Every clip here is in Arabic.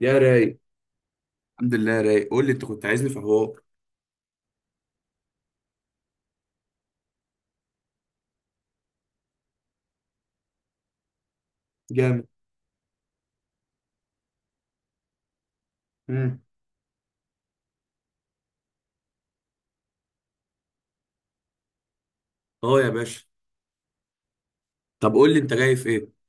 يا رايق. الحمد لله رايق، قول لي انت كنت عايزني في حوار. جامد. امم. اه، يا باشا. طب قول لي انت جاي في ايه.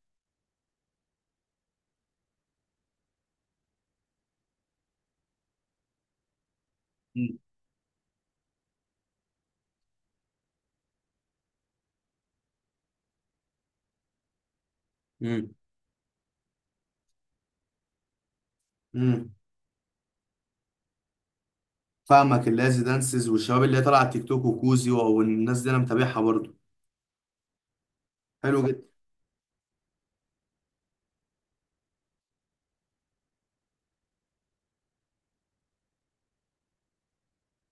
امم. امم. فاهمك، اللاز دانسز والشباب اللي هي طالعه على التيك توك وكوزي والناس دي انا متابعها برضو. حلو جدا.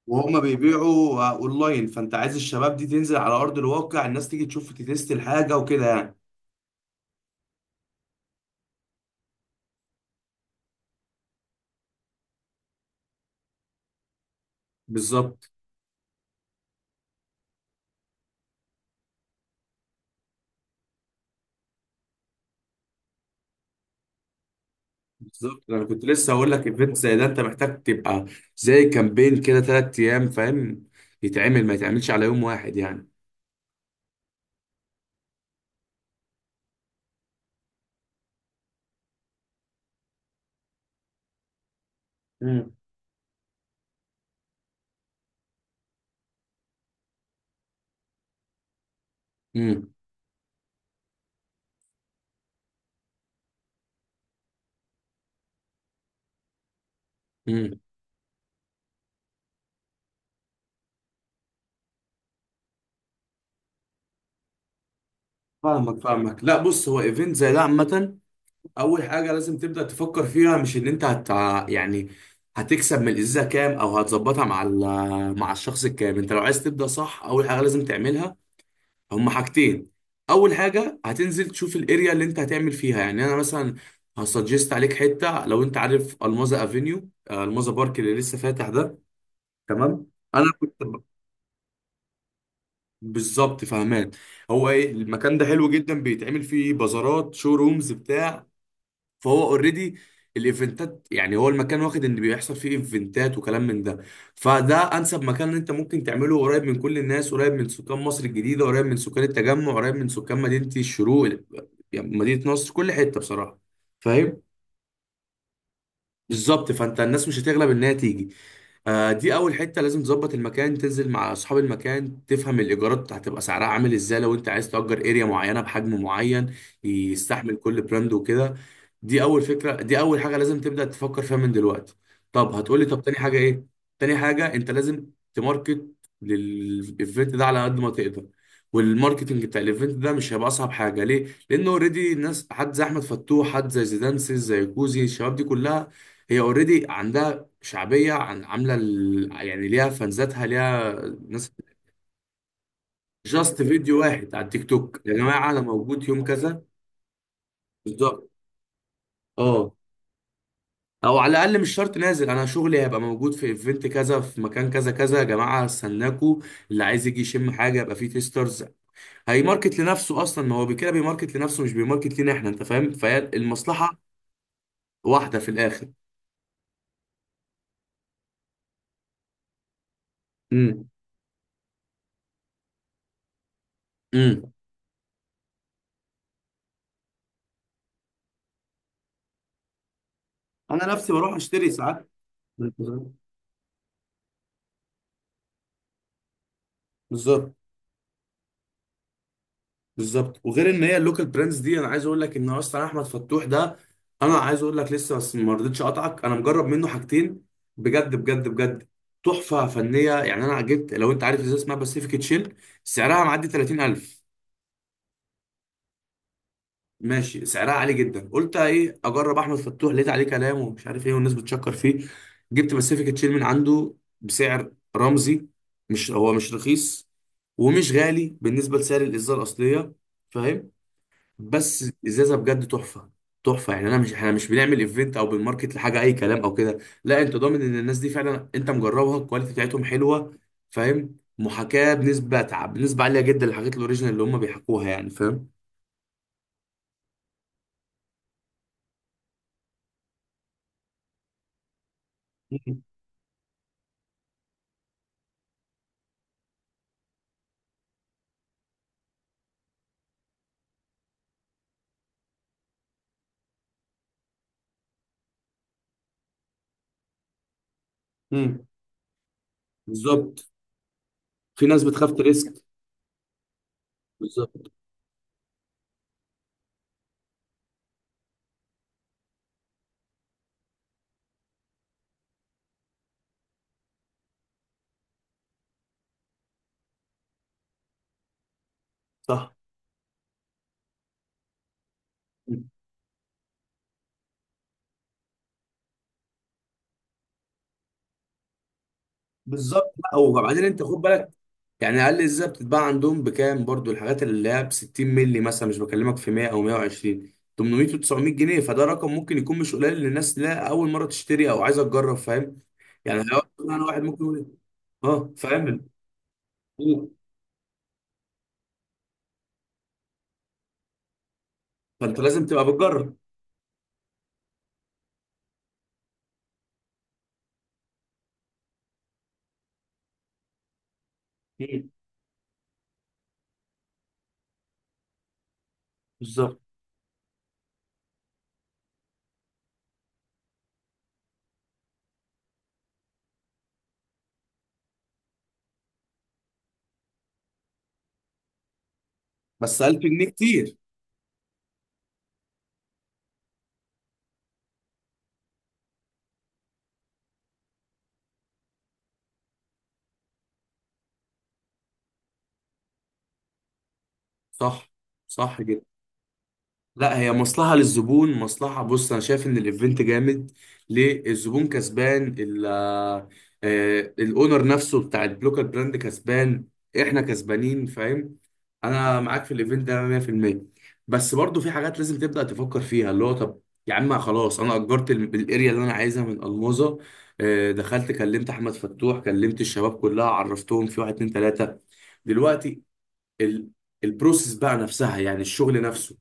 وهما بيبيعوا اونلاين، فانت عايز الشباب دي تنزل على ارض الواقع، الناس تيجي تشوف تتست الحاجه وكده يعني. بالظبط. بالظبط، انا كنت لسه هقول لك ايفنت زي ده انت محتاج تبقى زي كامبين كده 3 ايام، فاهم، يتعمل ما يتعملش على يوم واحد يعني. امم. امم. امم. فاهمك فاهمك. لا بص، هو ايفنت زي ده عامة، اول حاجة لازم تبدأ تفكر فيها مش ان انت هت يعني هتكسب من الازازة كام، او هتظبطها مع مع الشخص الكام. انت لو عايز تبدأ صح، اول حاجة لازم تعملها هما حاجتين. اول حاجة هتنزل تشوف الاريا اللي انت هتعمل فيها، يعني انا مثلا هسجست عليك حتة، لو انت عارف الماظة افينيو، الماظة بارك اللي لسه فاتح ده. تمام. انا كنت، بالظبط، فهمان. هو ايه المكان ده، حلو جدا، بيتعمل فيه بازارات شو رومز بتاع، فهو اوريدي الايفنتات، يعني هو المكان واخد ان بيحصل فيه ايفنتات وكلام من ده. فده انسب مكان إن انت ممكن تعمله، قريب من كل الناس، قريب من سكان مصر الجديدة، قريب من سكان التجمع، قريب من سكان مدينة الشروق، يعني مدينة نصر، كل حتة بصراحة، فاهم. بالظبط، فانت الناس مش هتغلب انها تيجي. دي اول حته لازم تظبط المكان، تنزل مع اصحاب المكان تفهم الايجارات هتبقى سعرها عامل ازاي، لو انت عايز تأجر اريا معينه بحجم معين يستحمل كل براند وكده. دي اول فكره، دي اول حاجه لازم تبدا تفكر فيها من دلوقتي. طب هتقولي طب تاني حاجه ايه. تاني حاجه انت لازم تماركت للايفنت ده على قد ما تقدر. والماركتنج بتاع الايفنت ده مش هيبقى اصعب حاجه ليه، لانه اوريدي الناس، حد زي احمد فتوح، حد زي زيدانسيس، زي كوزي، الشباب دي كلها هي اوريدي عندها شعبيه، عن عامله يعني ليها فانزاتها، ليها ناس. جاست فيديو واحد على التيك توك، يا جماعه انا موجود يوم كذا. بالظبط. اه. او على الاقل مش شرط نازل، انا شغلي هيبقى موجود في ايفنت كذا في مكان كذا كذا، يا جماعه استناكوا. اللي عايز يجي يشم حاجه يبقى فيه تيسترز، هيماركت لنفسه اصلا. ما هو كده بيماركت لنفسه مش بيماركت لينا احنا، انت فاهم، فهي المصلحه واحده في الاخر. امم. امم. انا نفسي بروح اشتري ساعات. بالظبط. بالظبط، وغير ان هي اللوكال براندز دي، انا عايز اقول لك ان اصلا احمد فتوح ده، انا عايز اقول لك لسه بس ما رضيتش اقطعك، انا مجرب منه حاجتين بجد بجد بجد تحفه فنيه، يعني انا جبت لو انت عارف ازاي اسمها باسيفيك تشيل، سعرها معدي 30,000. ماشي، سعرها عالي جدا، قلت ايه اجرب احمد فتوح، لقيت عليه كلام، ومش عارف ايه، والناس بتشكر فيه، جبت باسيفيك تشيل من عنده بسعر رمزي، مش هو مش رخيص ومش غالي بالنسبه لسعر الازازه الاصليه، بس ازازه بجد تحفه تحفه. يعني انا مش، احنا مش بنعمل ايفنت او بنماركت لحاجه اي كلام او كده، لا انت ضامن ان الناس دي فعلا انت مجربها، الكواليتي بتاعتهم حلوه، فاهم، محاكاه بنسبه بنسبه عاليه جدا للحاجات الاوريجينال اللي هم بيحكوها يعني فاهم. مم. مم. بالظبط. في ناس بتخاف تريسك. بالظبط. صح. بالظبط. لا وبعدين انت خد بالك، يعني اقل ازاي بتتباع عندهم بكام برضو؟ الحاجات اللي هي ب 60 مللي مثلا، مش بكلمك في 100 او 120، 800 و900 جنيه، فده رقم ممكن يكون مش قليل للناس لا اول مره تشتري او عايزه تجرب، فاهم، يعني لو انا واحد ممكن يقول اه فاهم، فانت لازم تبقى بتجرب. مم. بالظبط. بس 1000 جنيه كتير. صح. صح. لا هي مصلحة للزبون، مصلحة. بص أنا شايف إن الإيفنت جامد ليه؟ الزبون كسبان، الأونر نفسه بتاع البلوكر براند كسبان، إحنا كسبانين، فاهم، أنا معاك في الإيفنت ده 100%. بس برضو في حاجات لازم تبدأ تفكر فيها، اللي هو طب يا عم خلاص أنا أجرت الأريا اللي أنا عايزها من ألموظة، دخلت كلمت أحمد فتوح كلمت الشباب كلها، عرفتهم في واحد اتنين تلاتة. دلوقتي ال- البروسيس بقى نفسها يعني الشغل نفسه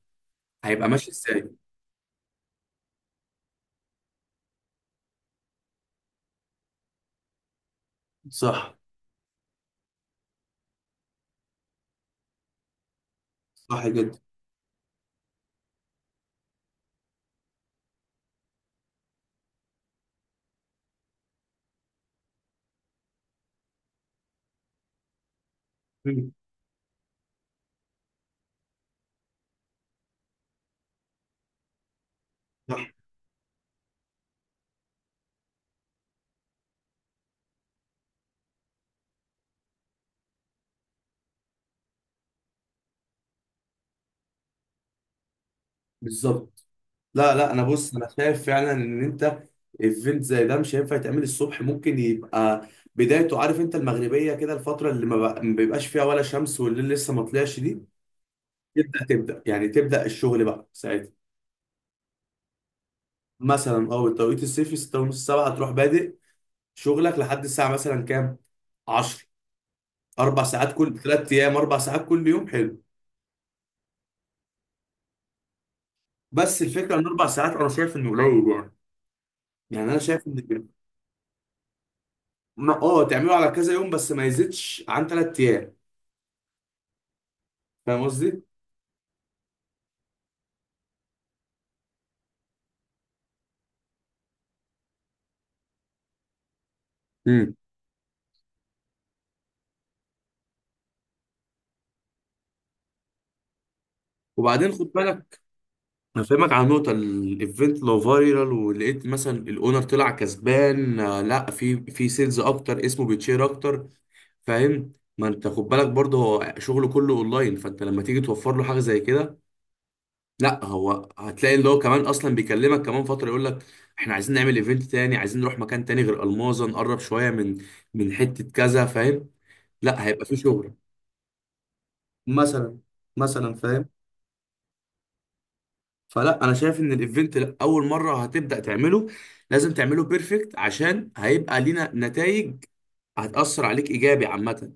هيبقى ماشي ازاي؟ صح. صح جدا. مم. صح. بالظبط. لا لا انا، بص انا شايف فعلا ان انت ايفنت زي ده مش هينفع يتعمل الصبح، ممكن يبقى بدايته، عارف انت المغربيه كده، الفتره اللي ما بيبقاش فيها ولا شمس والليل لسه ما طلعش دي، تبدا تبدا يعني تبدا الشغل بقى ساعتها، مثلا اه التوقيت الصيفي 6 ونص 7، تروح بادئ شغلك لحد الساعه مثلا كام، 10. 4 ساعات كل 3 ايام، 4 ساعات كل يوم، حلو. بس الفكره ان 4 ساعات انا شايف انه قليل يعني، يعني انا شايف ان تعمله على كذا يوم بس ما يزيدش عن 3 ايام. فاهم قصدي؟ امم. وبعدين خد بالك، هفهمك على نقطة. الايفنت لو فايرال ولقيت مثلا الاونر طلع كسبان، لا في سيلز اكتر، اسمه بيتشير اكتر، فاهم، ما انت خد بالك برضه، هو شغله كله اونلاين، فانت لما تيجي توفر له حاجة زي كده، لا هو، هتلاقي اللي هو كمان اصلا بيكلمك كمان فترة يقول لك احنا عايزين نعمل ايفنت تاني، عايزين نروح مكان تاني غير الماظة، نقرب شوية من حتة كذا، فاهم، لا هيبقى في شغل. مثلا. مثلا، فاهم. فلا انا شايف ان الايفنت لا، اول مره هتبدا تعمله لازم تعمله بيرفكت، عشان هيبقى لينا نتائج، هتاثر عليك ايجابي عامه.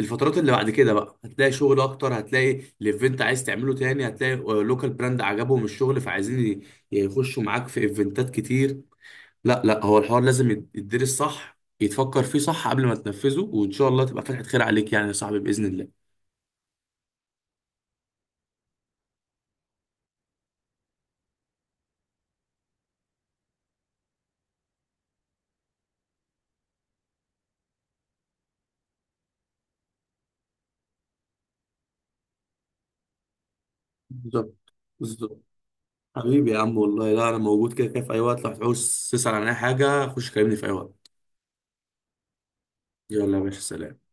الفترات اللي بعد كده بقى هتلاقي شغل اكتر، هتلاقي الايفنت عايز تعمله تاني، هتلاقي لوكال براند عجبهم الشغل فعايزين يخشوا معاك في ايفنتات كتير. لا لا هو الحوار لازم يتدرس صح يتفكر فيه صح قبل ما تنفذه، وان شاء الله تبقى فتحة خير عليك، يعني يا صاحبي باذن الله. بالظبط. بالظبط. حبيبي يا عم، والله لا انا موجود كده كده في اي وقت، لو هتعوز تسأل عن اي حاجة خش كلمني في اي وقت. يلا يا باشا سلام.